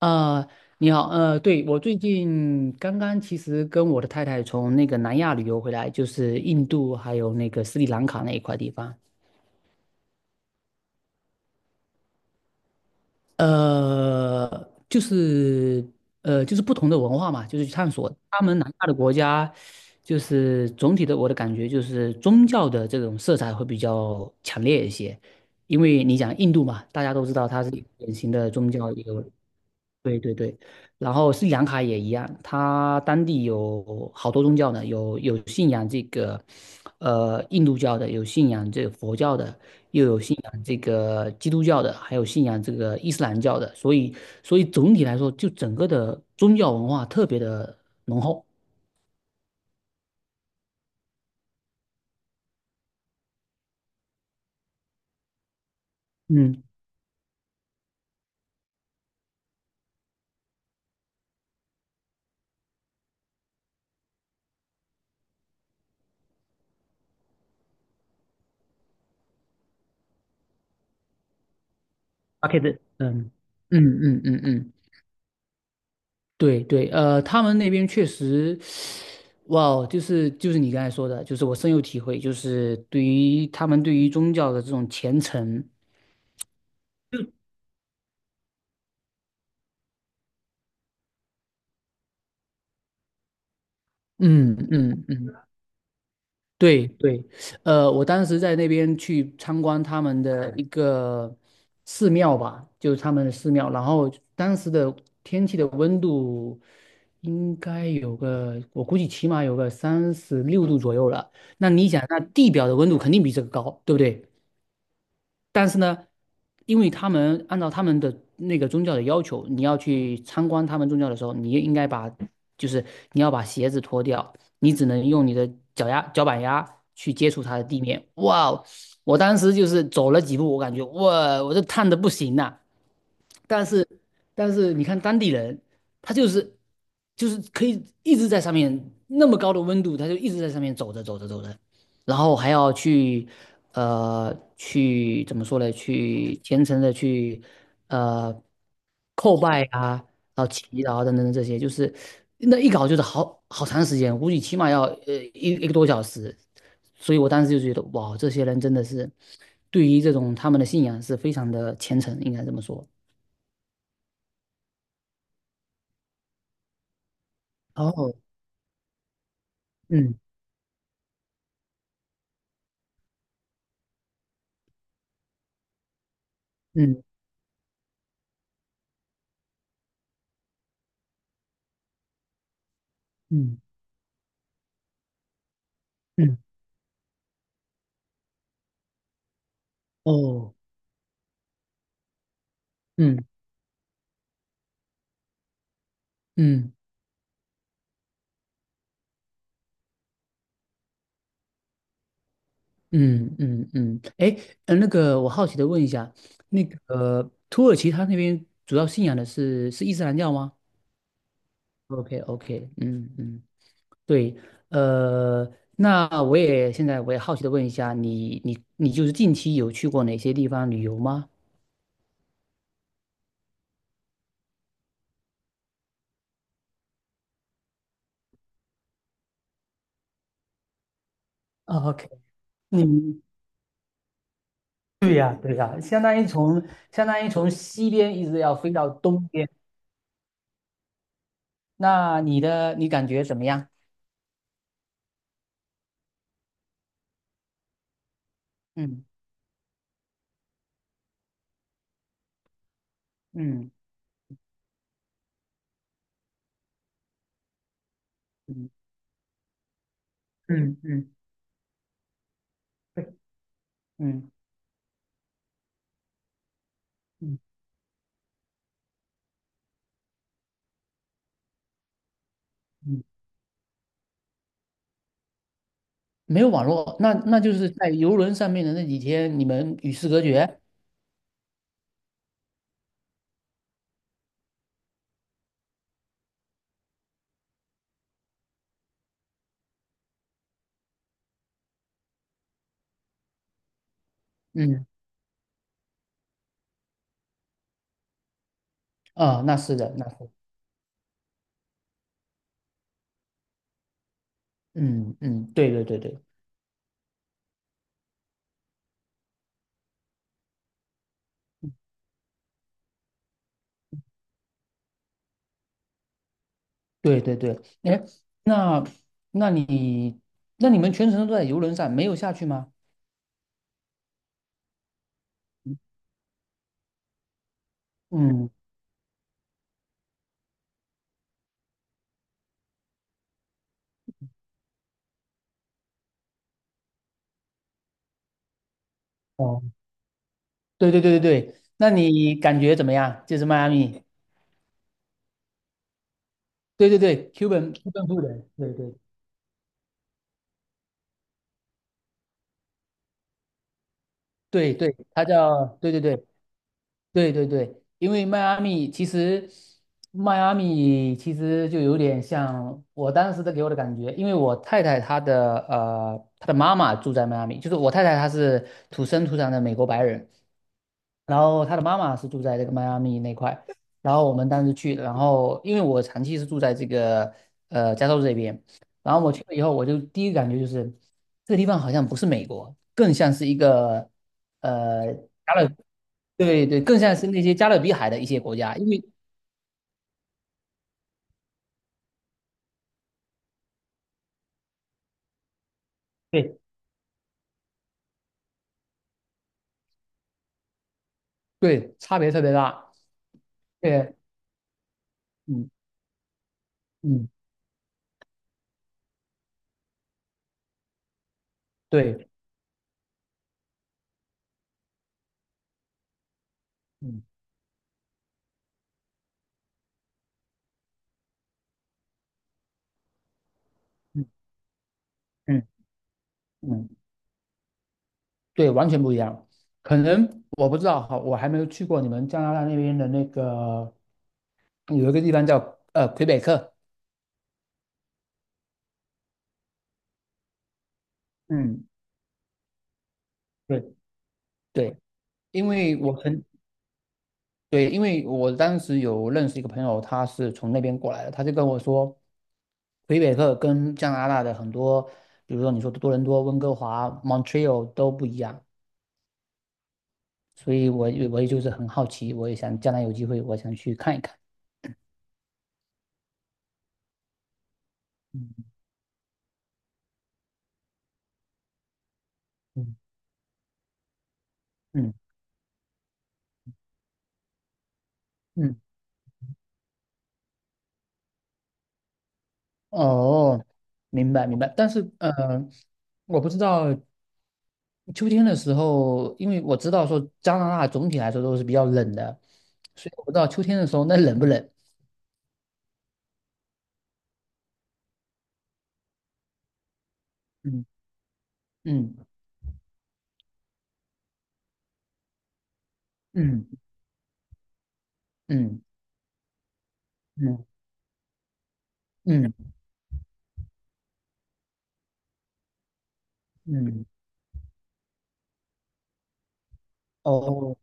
呃，你好，对，我最近刚刚其实跟我的太太从那个南亚旅游回来，就是印度还有那个斯里兰卡那一块地方，就是不同的文化嘛，就是去探索他们南亚的国家，就是总体的我的感觉就是宗教的这种色彩会比较强烈一些，因为你讲印度嘛，大家都知道它是一个典型的宗教一个。对对对，然后斯里兰卡也一样，它当地有好多宗教呢，有信仰这个，印度教的，有信仰这个佛教的，又有信仰这个基督教的，还有信仰这个伊斯兰教的，所以总体来说，就整个的宗教文化特别的浓厚。嗯，巴克的，嗯嗯嗯嗯嗯。对对，他们那边确实，哇哦，就是你刚才说的，就是我深有体会，就是对于他们对于宗教的这种虔诚，嗯嗯嗯，对对，我当时在那边去参观他们的一个寺庙吧，就是他们的寺庙，然后当时的天气的温度应该有个，我估计起码有个36度左右了。那你想，那地表的温度肯定比这个高，对不对？但是呢，因为他们按照他们的那个宗教的要求，你要去参观他们宗教的时候，你应该把，就是你要把鞋子脱掉，你只能用你的脚丫、脚板丫去接触它的地面。哇哦，我当时就是走了几步，我感觉哇，我这烫的不行呐。但是，你看当地人，他就是可以一直在上面那么高的温度，他就一直在上面走着走着走着，然后还要去怎么说呢？去虔诚的去呃叩拜啊，然后祈祷啊等等等这些，就是那一搞就是好长时间，估计起码要一个多小时。所以我当时就觉得，哇，这些人真的是对于这种他们的信仰是非常的虔诚，应该这么说。哦，嗯嗯嗯嗯，哦，嗯嗯。嗯嗯嗯，哎，那个我好奇的问一下，那个土耳其他那边主要信仰的是伊斯兰教吗？OK OK，嗯嗯，对，呃，那我也现在我也好奇的问一下，你就是近期有去过哪些地方旅游吗？OK，嗯，对呀，对呀，相当于从西边一直要飞到东边，那你感觉怎么样？嗯嗯嗯嗯嗯嗯嗯嗯嗯。没有网络，那就是在游轮上面的那几天，你们与世隔绝。嗯，啊，那是的，那是的嗯嗯，对对对对对对对。哎，那那你那你们全程都在游轮上，没有下去吗？嗯，哦，对对对对对，那你感觉怎么样？就是迈阿密，对对对，Cuban Cuban food，对对对对，它叫对对对对对对，因为迈阿密其实，就有点像我当时的给我的感觉，因为我太太她的妈妈住在迈阿密，就是我太太她是土生土长的美国白人，然后她的妈妈是住在这个迈阿密那块，然后我们当时去，然后因为我长期是住在这个加州这边，然后我去了以后，我就第一个感觉就是这个地方好像不是美国，更像是一个呃。加勒。对对，更像是那些加勒比海的一些国家，因为对对，差别特别大。对，嗯嗯，对，嗯嗯嗯嗯，对，完全不一样。可能我不知道哈，我还没有去过你们加拿大那边的那个有一个地方叫魁北克。嗯，对对，因为我很。对，因为我当时有认识一个朋友，他是从那边过来的，他就跟我说，魁北克跟加拿大的很多，比如说你说多伦多、温哥华、Montreal 都不一样，所以我也就是很好奇，我也想将来有机会，我想去看一看。嗯嗯嗯嗯，哦，明白明白，但是我不知道秋天的时候，因为我知道说加拿大总体来说都是比较冷的，所以我不知道秋天的时候那冷不冷。嗯嗯嗯。嗯嗯嗯嗯，哦，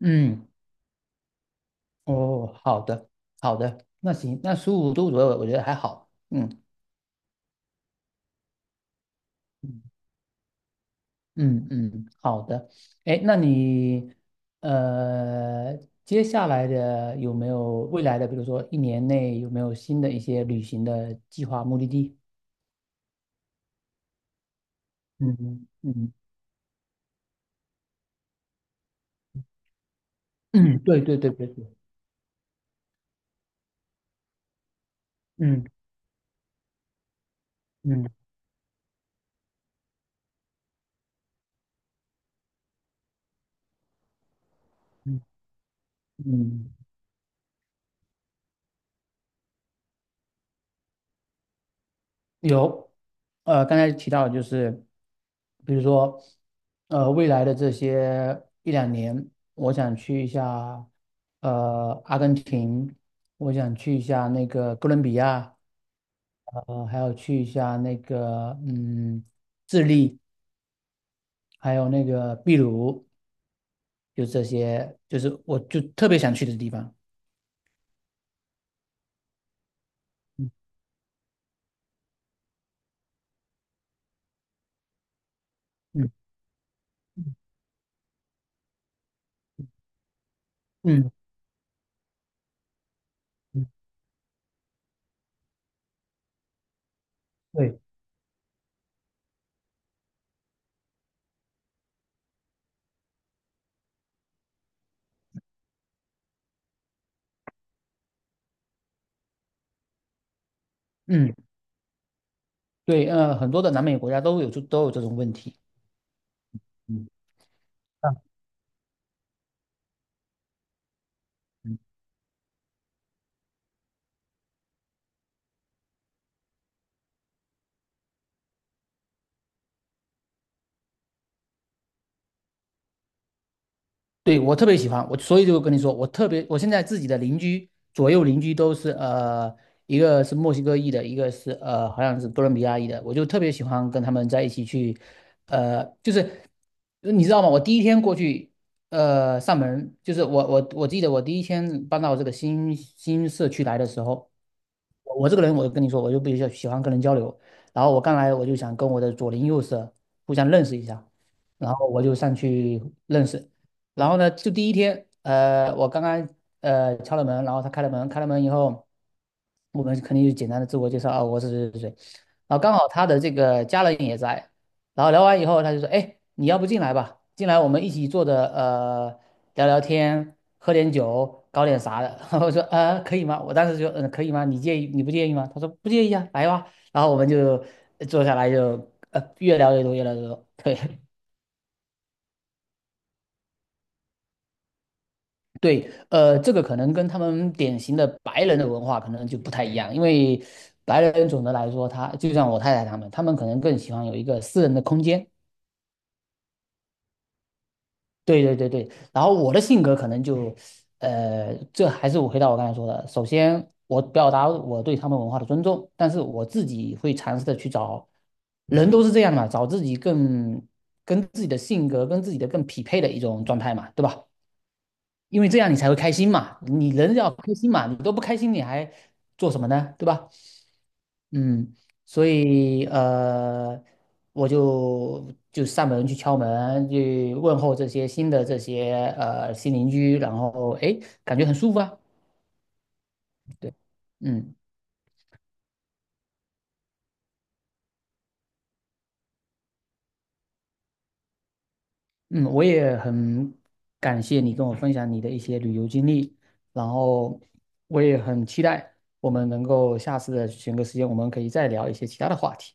嗯哦，好的，好的，那行，那15度左右，我觉得还好。嗯嗯嗯嗯，好的。哎，呃，接下来的有没有未来的，比如说一年内有没有新的一些旅行的计划、目的地？嗯嗯嗯，对对对对对，嗯嗯嗯嗯。有，刚才提到就是，比如说，未来的这些一两年，我想去一下，阿根廷，我想去一下那个哥伦比亚，还有去一下那个，智利，还有那个秘鲁，就这些，就是我就特别想去的地方。嗯嗯嗯，嗯对，嗯对，很多的南美国家都有都有这种问题。嗯。啊对，我特别喜欢，我所以就跟你说，我特别，我现在自己的左右邻居都是一个是墨西哥裔的，一个是好像是哥伦比亚裔的，我就特别喜欢跟他们在一起去，就是你知道吗？我第一天过去，上门，就是我记得我第一天搬到这个新社区来的时候，我这个人，我就跟你说，我就比较喜欢跟人交流。然后我刚来，我就想跟我的左邻右舍互相认识一下，然后我就上去认识。然后呢，就第一天，我刚刚敲了门，然后他开了门，开了门以后，我们肯定就简单的自我介绍啊，我是谁谁谁。然后刚好他的这个家人也在，然后聊完以后，他就说，哎，你要不进来吧，进来我们一起坐着聊聊天，喝点酒，搞点啥的。然后我说可以吗？我当时就可以吗？你不介意吗？他说不介意啊，来吧。然后我们就坐下来就越聊越多，越聊越多。对 对，这个可能跟他们典型的白人的文化可能就不太一样，因为白人总的来说他，就像我太太他们，他们可能更喜欢有一个私人的空间。对对对对，然后我的性格可能就，这还是我回到我刚才说的，首先我表达我对他们文化的尊重，但是我自己会尝试的去找，人都是这样的嘛，找自己更跟自己的性格跟自己的更匹配的一种状态嘛，对吧？因为这样你才会开心嘛，你人要开心嘛，你都不开心你还做什么呢？对吧？嗯，所以我就上门去敲门，去问候这些新的新邻居，然后诶，感觉很舒服啊。对，嗯嗯，我也很感谢你跟我分享你的一些旅游经历，然后我也很期待我们能够下次的选个时间，我们可以再聊一些其他的话题。